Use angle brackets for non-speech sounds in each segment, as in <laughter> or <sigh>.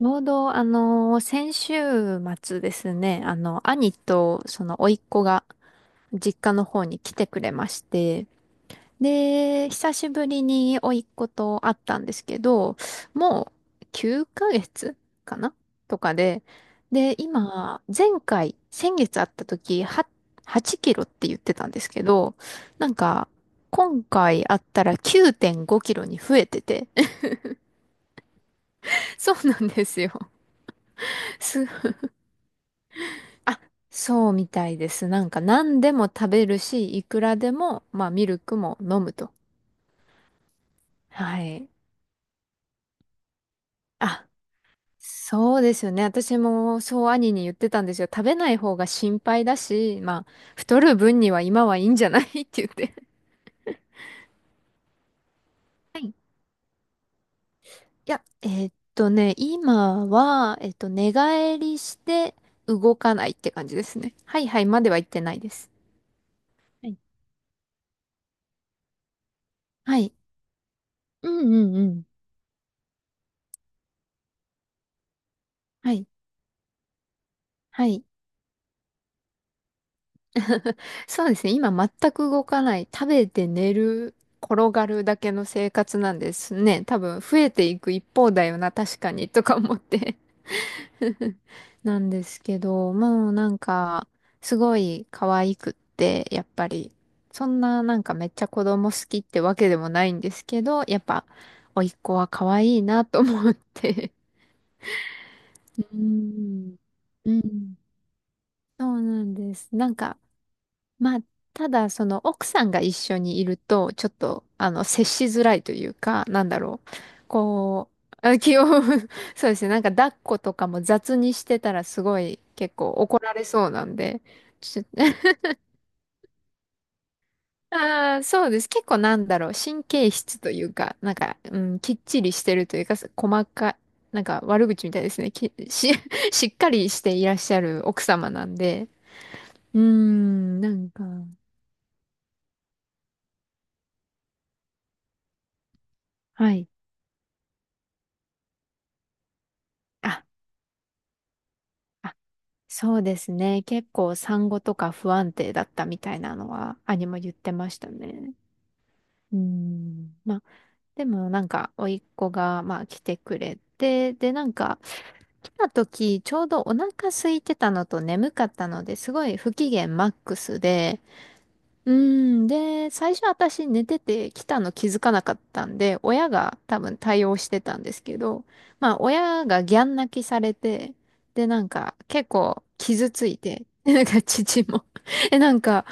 ちょうど、先週末ですね、兄と、甥っ子が、実家の方に来てくれまして、で、久しぶりに甥っ子と会ったんですけど、もう、9ヶ月かげつかなとかで、で、今、前回、先月会った時、は、8キロって言ってたんですけど、なんか、今回会ったら9.5キロに増えてて、<laughs> そうなんですよ。<laughs> すあ、そうみたいです。なんか何でも食べるし、いくらでも、まあミルクも飲むと。はい。あ、そうですよね。私もそう兄に言ってたんですよ。食べない方が心配だし、まあ太る分には今はいいんじゃない <laughs> って言って。はいいや、今は、寝返りして動かないって感じですね。はいはいまでは言ってないです。はい。はい。うんうんうん。はい。はい。<laughs> そうですね。今全く動かない。食べて寝る、転がるだけの生活なんですね。多分増えていく一方だよな、確かに、とか思って <laughs> なんですけど、もうなんか、すごい可愛くって、やっぱり、そんななんかめっちゃ子供好きってわけでもないんですけど、やっぱ、甥っ子は可愛いなと思って <laughs> うん。うん。そうなんです。なんか、まあ、ただ、その奥さんが一緒にいると、ちょっと、接しづらいというか、なんだろう。こう、あ、気を <laughs> そうですね。なんか抱っことかも雑にしてたらすごい結構怒られそうなんで。ちょ <laughs> あー、そうです。結構なんだろう。神経質というか、なんか、うん、きっちりしてるというか、細かい、なんか悪口みたいですね。<laughs> しっかりしていらっしゃる奥様なんで。うーん、なんか、はい。ああ、そうですね。結構産後とか不安定だったみたいなのは兄も言ってましたね。うん。まあ、でもなんか、甥っ子が、まあ、来てくれて、で、なんか、来た時、ちょうどお腹空いてたのと眠かったので、すごい不機嫌マックスで、うん。で、最初私寝てて来たの気づかなかったんで、親が多分対応してたんですけど、まあ親がギャン泣きされて、で、なんか結構傷ついて、<laughs> でなんか父も <laughs> え、なんか、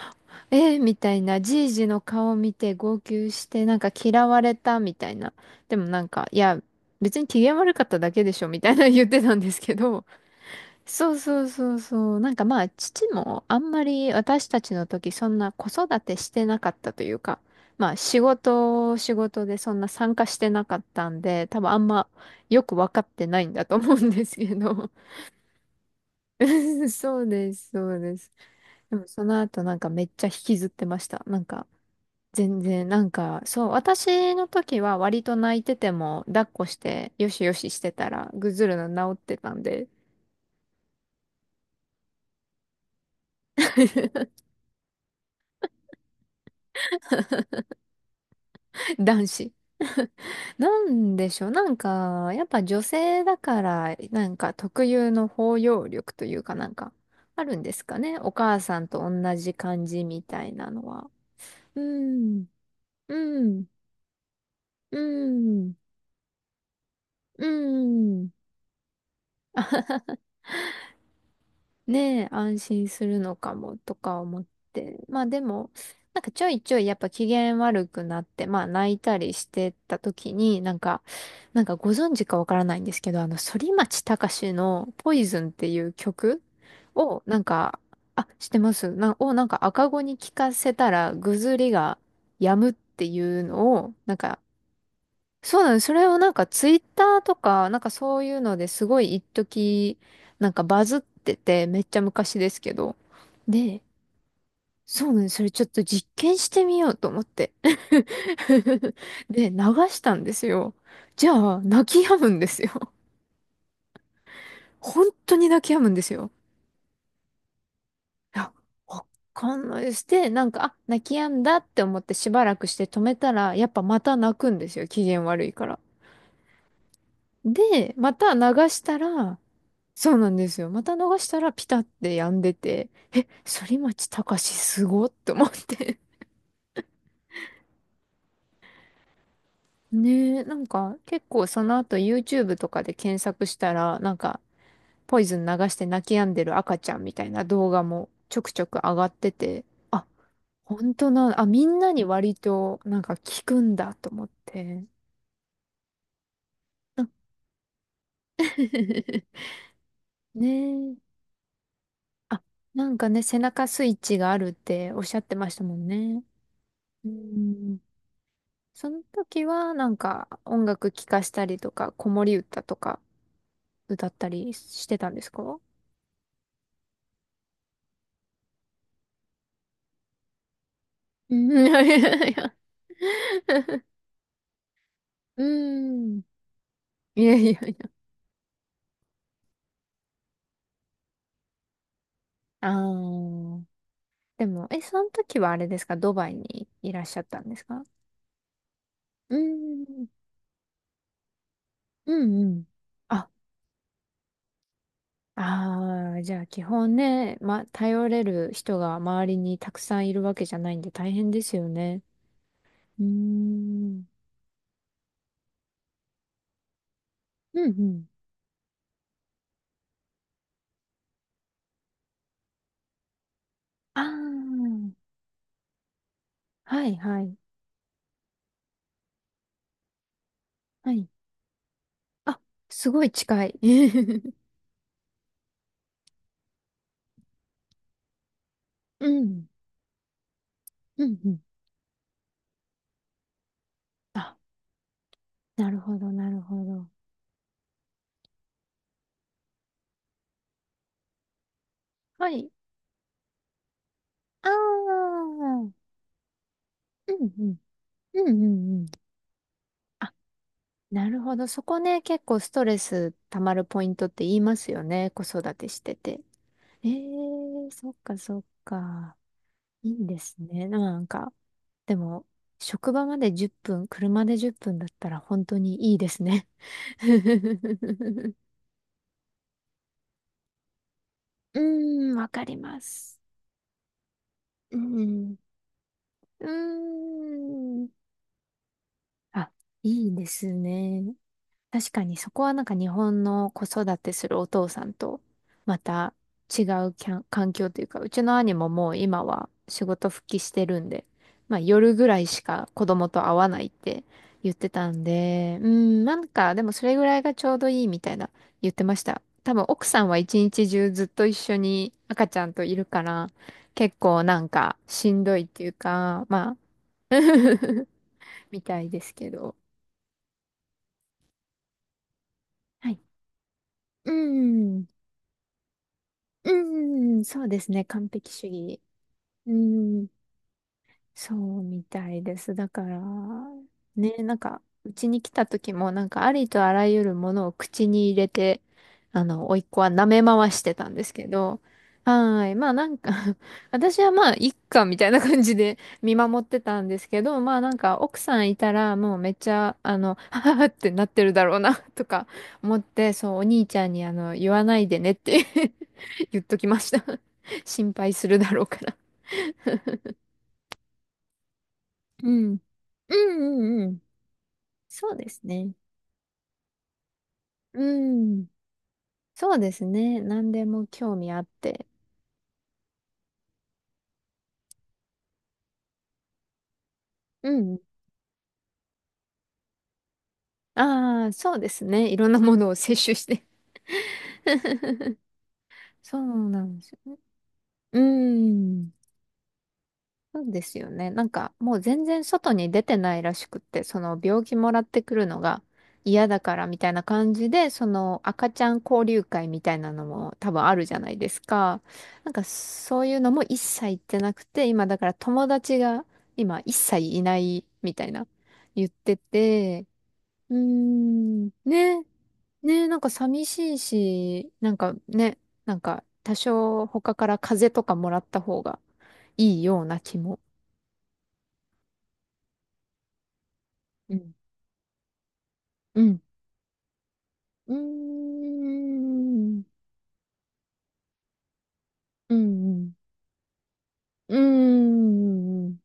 えーみたいな、じいじの顔見て号泣して、なんか嫌われたみたいな。でもなんか、いや、別に機嫌悪かっただけでしょみたいな言ってたんですけど、そうそうそうそう。なんかまあ、父もあんまり私たちの時そんな子育てしてなかったというか、まあ仕事でそんな参加してなかったんで、多分あんまよく分かってないんだと思うんですけど。<laughs> そうです、そうです。でもその後なんかめっちゃ引きずってました。なんか全然、なんかそう、私の時は割と泣いてても抱っこしてよしよししてたらぐずるの治ってたんで。<laughs> <laughs> 男子。<laughs> なんでしょう。なんか、やっぱ女性だから、なんか特有の包容力というかなんか、あるんですかね。お母さんと同じ感じみたいなのは。うん、うん、うん、うん。ねえ、安心するのかもとか思って。まあでも、なんかちょいちょいやっぱ機嫌悪くなって、まあ泣いたりしてた時に、なんか、なんかご存知かわからないんですけど、あの、反町隆史のポイズンっていう曲を、なんか、あ、知ってますな、をなんか赤子に聞かせたらぐずりが止むっていうのを、なんかそうなの、それをなんかツイッターとか、なんかそういうのですごい一時なんかバズってて、めっちゃ昔ですけど。で、そうなの、それちょっと実験してみようと思って。<laughs> で、流したんですよ。じゃあ、泣き止むんですよ。<laughs> 本当に泣き止むんですよ。いや、わかんないです。で、なんか、あ、泣き止んだって思ってしばらくして止めたら、やっぱまた泣くんですよ。機嫌悪いから。で、また流したら、そうなんですよ。また逃したらピタって止んでて、え、反町隆史すごって思って。<laughs> ねえ、なんか結構その後 YouTube とかで検索したら、なんかポイズン流して泣き止んでる赤ちゃんみたいな動画もちょくちょく上がってて、あ、本当な、あ、みんなに割となんか聞くんだと思って。<laughs> ねえ。あ、なんかね、背中スイッチがあるっておっしゃってましたもんね。うん。その時はなんか音楽聴かしたりとか、子守歌とか歌ったりしてたんですか？うん、いやいやいや。うん。<laughs> いやいやいや。あー、でも、え、その時はあれですかドバイにいらっしゃったんですか？うん。うんうん。あ、ああ、じゃあ基本ね、ま、頼れる人が周りにたくさんいるわけじゃないんで大変ですよね。うーん。うんうん。ああ、はいはい。はい。あ、すごい近い。<laughs> うん。うん、うん。あ、なるほど、なるほど。はい。ああ、うん、うん。うん、うん、うん。あ、なるほど。そこね、結構ストレス溜まるポイントって言いますよね。子育てしてて。ええ、そっか、そっか。いいんですね。なんか、でも、職場まで10分、車で10分だったら本当にいいですね。<laughs> うーん、わかります。うん。うーん。あ、いいですね。確かにそこはなんか日本の子育てするお父さんとまた違うきゃん環境というか、うちの兄ももう今は仕事復帰してるんで、まあ夜ぐらいしか子供と会わないって言ってたんで、うん、なんかでもそれぐらいがちょうどいいみたいな言ってました。多分奥さんは一日中ずっと一緒に赤ちゃんといるから、結構なんかしんどいっていうか、まあ <laughs> みたいですけど。はい。うん。うん。そうですね。完璧主義。うーん。そうみたいです。だから、ね、なんか、うちに来た時も、なんか、ありとあらゆるものを口に入れて、甥っ子は舐め回してたんですけど、はーい。まあなんか <laughs> 私はまあ、いっか、みたいな感じで見守ってたんですけど、まあなんか、奥さんいたら、もうめっちゃ、<laughs> ははってなってるだろうな、<laughs> とか思って、そう、お兄ちゃんに、言わないでねって <laughs> 言っときました。<laughs> 心配するだろうから。うん。うんうんうん。そうですね。うん。そうですね。何でも興味あって。うん。ああ、そうですね。いろんなものを摂取して。そうなんですよね。うん。そうですよね。なんかもう全然外に出てないらしくって、その病気もらってくるのが嫌だからみたいな感じで、その赤ちゃん交流会みたいなのも多分あるじゃないですか。なんかそういうのも一切行ってなくて、今だから友達が今一切いないみたいな言ってて、うーん、ね、ね、なんか寂しいし、なんかね、なんか多少他から風邪とかもらった方がいいような気も。うん。うん。うーん。うん。うん。うん。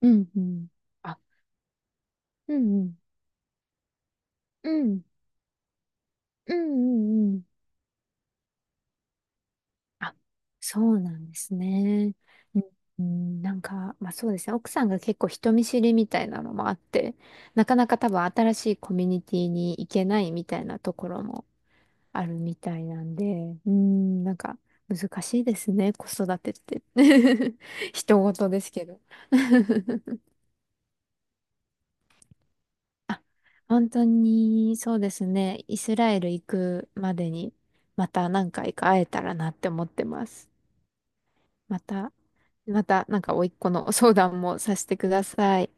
うん。うん。あ、うん。うん。うん。うん。うん。あ、そうなんですね。うんうん。なんか、まあ、そうですね。奥さんが結構人見知りみたいなのもあって、なかなか多分新しいコミュニティに行けないみたいなところもあるみたいなんで、うん。なんか、難しいですね。子育てって。<laughs> 人事ですけど。あ、本当に、そうですね。イスラエル行くまでに、また何回か会えたらなって思ってます。また、また、なんか、甥っ子の相談もさせてください。